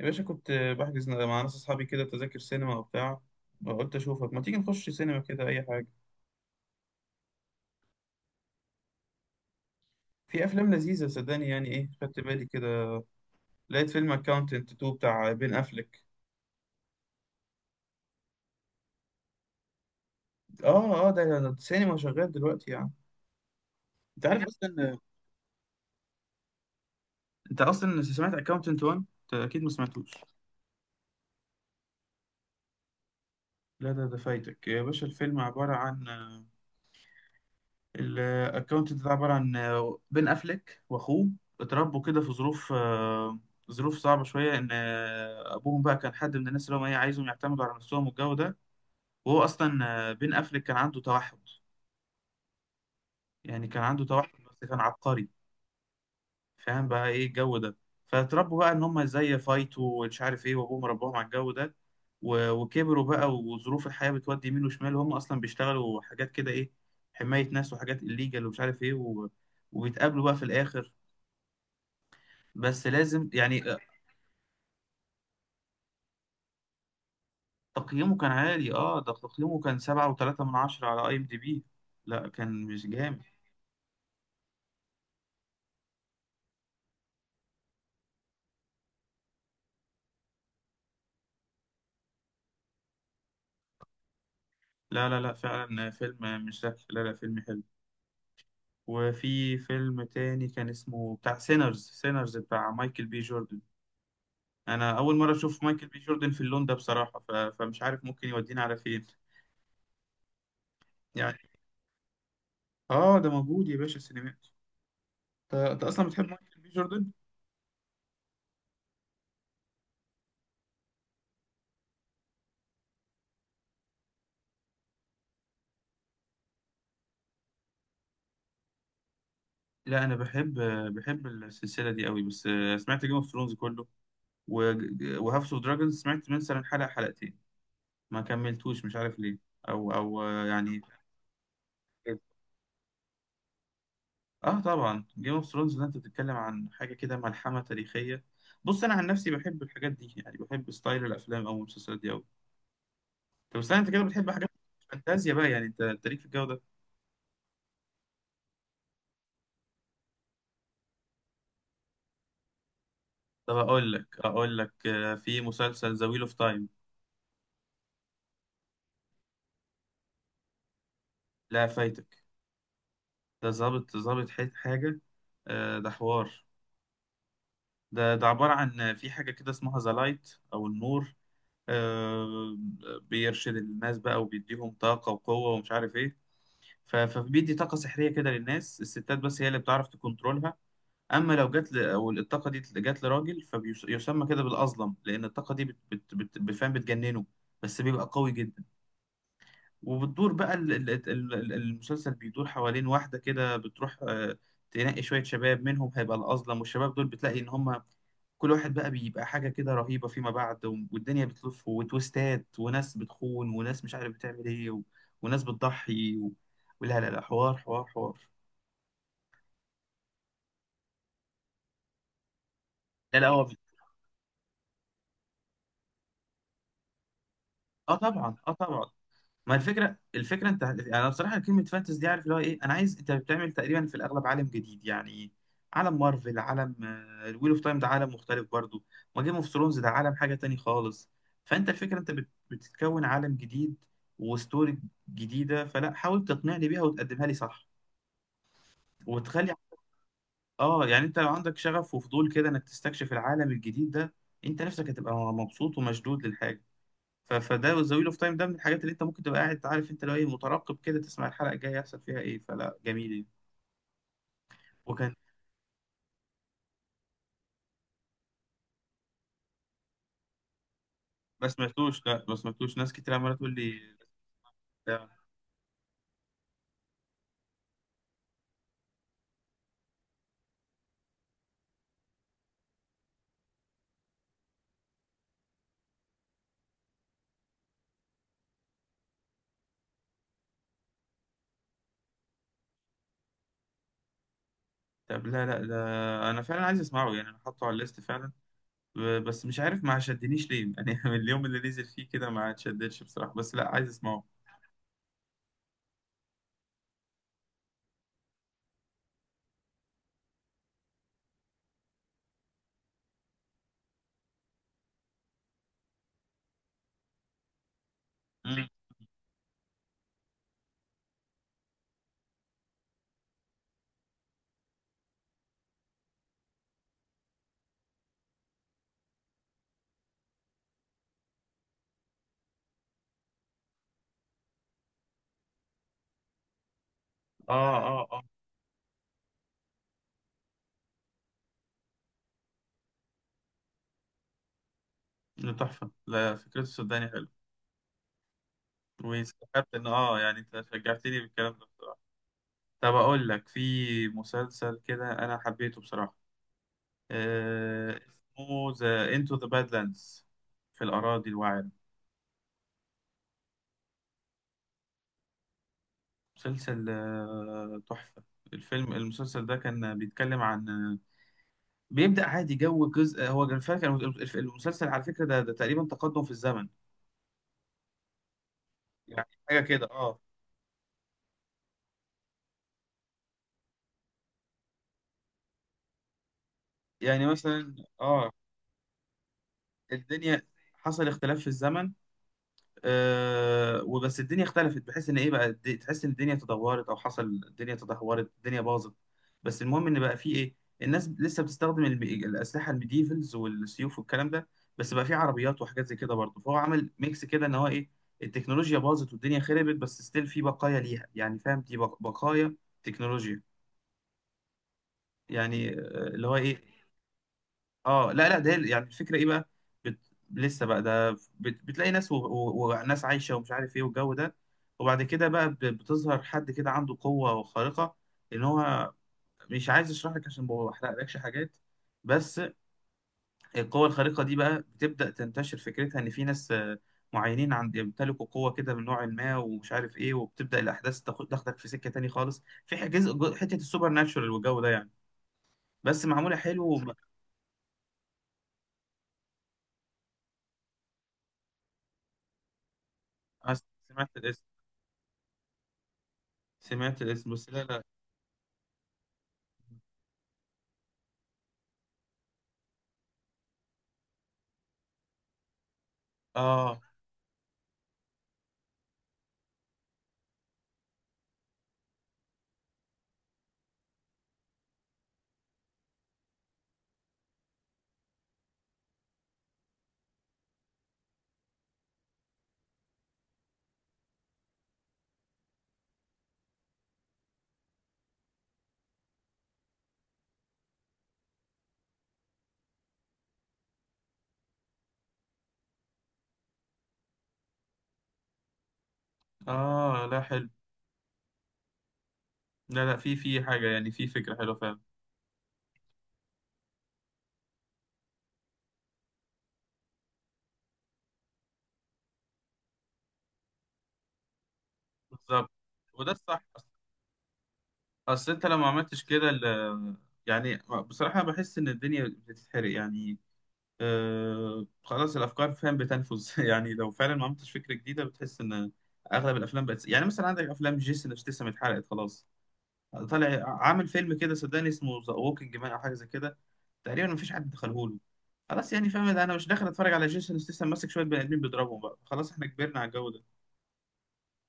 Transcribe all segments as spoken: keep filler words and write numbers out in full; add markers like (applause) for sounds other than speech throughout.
يا باشا، كنت بحجز مع ناس أصحابي كده تذاكر سينما وبتاع. قلت أشوفك، ما تيجي نخش سينما كده أي حاجة. في أفلام لذيذة صدقني، يعني إيه خدت بالي كده، لقيت فيلم أكاونتنت تو بتاع بين أفليك. آه آه، ده ده- ده السينما شغال دلوقتي يعني. أنت عارف أصلا، أنت أصلا سمعت أكاونتنت ون؟ أنت أكيد ما سمعتوش. لا، ده ده فايتك يا باشا. الفيلم عبارة عن، الاكونت ده عباره عن آه، بين افليك واخوه اتربوا كده في ظروف آه، ظروف صعبه شويه، ان آه، ابوهم بقى كان حد من الناس اللي هم ايه، عايزهم يعتمدوا على نفسهم والجو ده. وهو اصلا آه، بين افليك كان عنده توحد. يعني كان عنده توحد بس كان عبقري. فاهم بقى ايه الجو ده. فاتربوا بقى ان هم ازاي يفايتوا ومش عارف ايه، وابوهم رباهم على الجو ده. و- وكبروا بقى، وظروف الحياه بتودي يمين وشمال، وهم اصلا بيشتغلوا حاجات كده ايه، حمايه ناس وحاجات الليجال ومش عارف ايه، و... وبيتقابلوا بقى في الاخر. بس لازم يعني آه، تقييمه كان عالي، اه ده تقييمه كان سبعة وتلاتة من عشرة على اي ام دي بي. لا كان مش جامد. لا لا لا، فعلا فيلم مش ذكي، لا لا فيلم حلو. وفي فيلم تاني كان اسمه بتاع سينرز، سينرز بتاع مايكل بي جوردن. انا اول مرة اشوف مايكل بي جوردن في اللون ده بصراحة، ف... فمش عارف ممكن يودينا على فين. يعني، اه ده موجود يا باشا السينمات. انت أنت اصلا بتحب مايكل بي جوردن؟ لا انا بحب، بحب السلسلة دي قوي، بس آه، سمعت جيم اوف ثرونز كله، وهاوس اوف دراجونز سمعت مثلا حلقة حلقتين، ما كملتوش مش عارف ليه. او او آه، يعني، اه طبعا جيم اوف ثرونز ده انت بتتكلم عن حاجة كده ملحمة تاريخية. بص، انا عن نفسي بحب الحاجات دي، يعني بحب ستايل الافلام او المسلسلات دي قوي. طب استنى، انت كده بتحب حاجات فانتازيا بقى يعني، انت انت ليك في الجو ده. طب اقول لك اقول لك آه، في مسلسل ذا ويل اوف تايم. لا فايتك. ده ظابط ظابط حت- حاجة آه، ده حوار، ده ده عبارة عن، في حاجة كده اسمها ذا لايت او النور آه، بيرشد الناس بقى، وبيديهم طاقة وقوة ومش عارف ايه. ف- فبيدي طاقة سحرية كده للناس. الستات بس هي اللي بتعرف تكنترولها. اما لو جت ل... او الطاقة دي جت لراجل فبيسمى كده بالأظلم، لأن الطاقة دي بت... بت... بت... بتفهم بتجننه، بس بيبقى قوي جدا. وبتدور بقى، ال... ال... ال- ال- المسلسل بيدور حوالين واحدة كده بتروح آه، تنقي شوية شباب منهم، هيبقى الأظلم، والشباب دول بتلاقي إن هم كل واحد بقى بيبقى حاجة كده رهيبة فيما بعد، والدنيا بتلف وتويستات وناس بتخون وناس مش عارف بتعمل ايه، و... وناس بتضحي. و... ولا لا لا، حوار حوار حوار. لا لا هو، اه طبعا، اه طبعا. ما الفكره الفكره انت انا بصراحه، كلمه فانتز دي عارف اللي هو ايه، انا عايز، انت بتعمل تقريبا في الاغلب عالم جديد يعني. عالم مارفل، عالم الويل اوف تايم ده عالم مختلف برضو، ما جيم اوف ثرونز ده عالم حاجه تاني خالص. فانت الفكره انت بت... بتتكون عالم جديد وستوري جديده، فلا حاول تقنعني بيها وتقدمها لي صح وتخلي، اه يعني. انت لو عندك شغف وفضول كده انك تستكشف العالم الجديد ده، انت نفسك هتبقى مبسوط ومشدود للحاجه. ف- فده ذا ويل اوف تايم ده من الحاجات اللي انت ممكن تبقى قاعد عارف انت لو ايه مترقب كده تسمع الحلقه الجايه يحصل فيها ايه، فلا جميل يعني. وكان ما سمعتوش، لا ما سمعتوش، ناس كتير عماله تقول لي ده- طب لا لا ده، انا فعلا عايز اسمعه يعني، انا حاطه على الليست فعلا. ب- بس مش عارف ما شدنيش ليه يعني (laughs) من اليوم اللي نزل فيه كده ما اتشددش بصراحه، بس لا عايز اسمعه. مم. اه اه اه، ده تحفه، لا فكرته صدقني حلو، واستفدت ان اه يعني انت شجعتني بالكلام ده بصراحه. طب اقول لك، في مسلسل كده انا حبيته بصراحه آه، اسمه ذا انتو ذا بادلاندز، في الأراضي الوعرة. مسلسل آه، تحفة. الفيلم المسلسل ده كان بيتكلم عن آه، بيبدأ عادي، جو جزء هو كان فاكر المسلسل على فكرة، ده, ده تقريبا تقدم في الزمن. يعني حاجة كده اه، يعني مثلا، اه الدنيا حصل اختلاف في الزمن. آه وبس الدنيا اختلفت بحيث ان ايه بقى، الد- تحس ان الدنيا تدهورت، او حصل الدنيا تدهورت، الدنيا باظت. بس المهم ان بقى في ايه، الناس لسه بتستخدم الم- الاسلحه الميديفلز والسيوف والكلام ده، بس بقى في عربيات وحاجات زي كده برضه، فهو عمل ميكس كده ان هو ايه، التكنولوجيا باظت والدنيا خربت بس ستيل في بقايا ليها، يعني فاهم، دي بق- بقايا تكنولوجيا، يعني آه، اللي هو ايه. اه لا لا، ده هي- يعني الفكره ايه بقى، بت... لسه بقى ده بت... بتلاقي ناس، و... و... وناس عايشه ومش عارف ايه والجو ده. وبعد كده بقى ب... بتظهر حد كده عنده قوه خارقه، ان هو، مش عايز اشرح لك عشان ما بحرقلكش حاجات، بس القوه الخارقه دي بقى بتبدا تنتشر، فكرتها ان في ناس آه، معينين عند يمتلكوا قوه كده من نوع ما ومش عارف ايه، وبتبدا الاحداث تاخد تاخدك في سكه تاني خالص، في جزء جو- حته السوبر ناتشورال والجو ده يعني. بس معموله حلو. وما ما سمعت الاسم، سمعت الاسم، بس لا لا. اه اه لا حلو، لا لا في في حاجة، يعني في فكرة حلوة فعلا. بالظبط، وده الصح، اصل أصل انت لو ما عملتش كده ال- يعني بصراحة بحس ان الدنيا بتتحرق يعني، آه خلاص الافكار فاهم بتنفذ (laughs) يعني لو فعلا ما عملتش فكرة جديدة بتحس ان اغلب الافلام بقت، يعني مثلا عندك افلام جيسون ستاثام اتحرقت خلاص، طالع عامل فيلم كده صدقني اسمه ذا ووكينج مان او حاجة زي كده، تقريبا مفيش حد دخله له، خلاص يعني فاهم ده، انا مش داخل اتفرج على جيسون ستاثام ماسك شويه بني ادمين بيضربهم بقى، خلاص احنا كبرنا على الجو ده.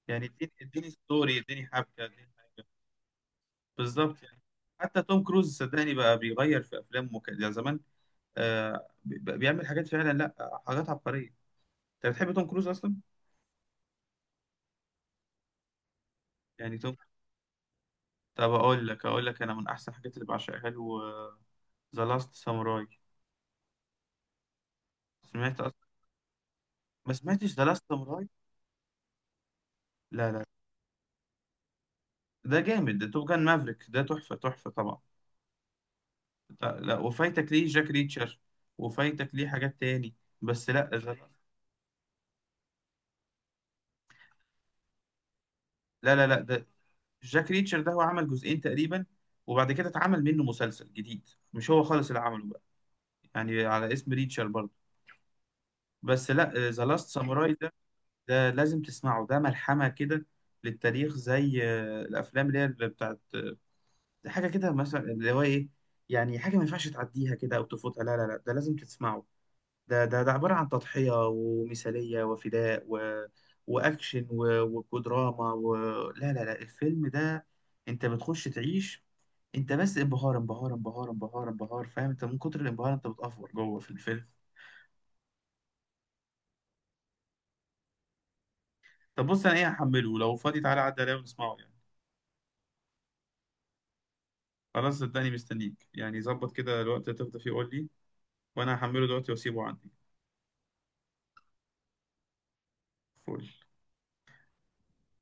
يعني اديني اديني ستوري، اديني حبكه، اديني حاجه. بالظبط يعني. حتى توم كروز صدقني بقى بيغير في افلامه، كان يعني زمان آه بي- بيعمل حاجات فعلا، لا حاجات عبقريه. انت بتحب توم كروز اصلا؟ يعني توم، طب اقول لك اقول لك انا من احسن الحاجات اللي بعشقها له، ذا لاست ساموراي. سمعت اصلا؟ ما سمعتش ذا لاست ساموراي؟ لا لا، ده جامد، ده توب جان مافريك ده تحفه تحفه طبعا. ط- لا وفايتك ليه جاك ريتشر، وفايتك ليه حاجات تاني، بس لا لا. لا لا, لا ده، جاك ريتشر ده هو عمل جزئين تقريبا، وبعد كده اتعمل منه مسلسل جديد، مش هو خالص اللي عمله بقى، يعني على اسم ريتشر برضه. بس لا، ذا لاست ساموراي ده، ده لازم تسمعه، ده ملحمة كده للتاريخ، زي آه، الافلام اللي هي اللي بتاعت آه، حاجة كده مثلا اللي هو ايه، يعني حاجة ما ينفعش تعديها كده او تفوتها، لا لا لا ده لازم تسمعه. ده ده ده عبارة عن تضحية ومثالية وفداء، و... وأكشن، و... وكدراما. و... لا لا لا، الفيلم ده أنت بتخش تعيش، أنت بس انبهار انبهار انبهار انبهار انبهار فاهم، أنت من كتر الانبهار أنت بتأفور جوه في الفيلم. طب بص، أنا إيه هحمله لو فاضي تعالى عدى عليا ونسمعه يعني. خلاص صدقني مستنيك، يعني ظبط كده الوقت اللي تفضى فيه قول لي، وأنا هحمله دلوقتي وأسيبه عندي. فل.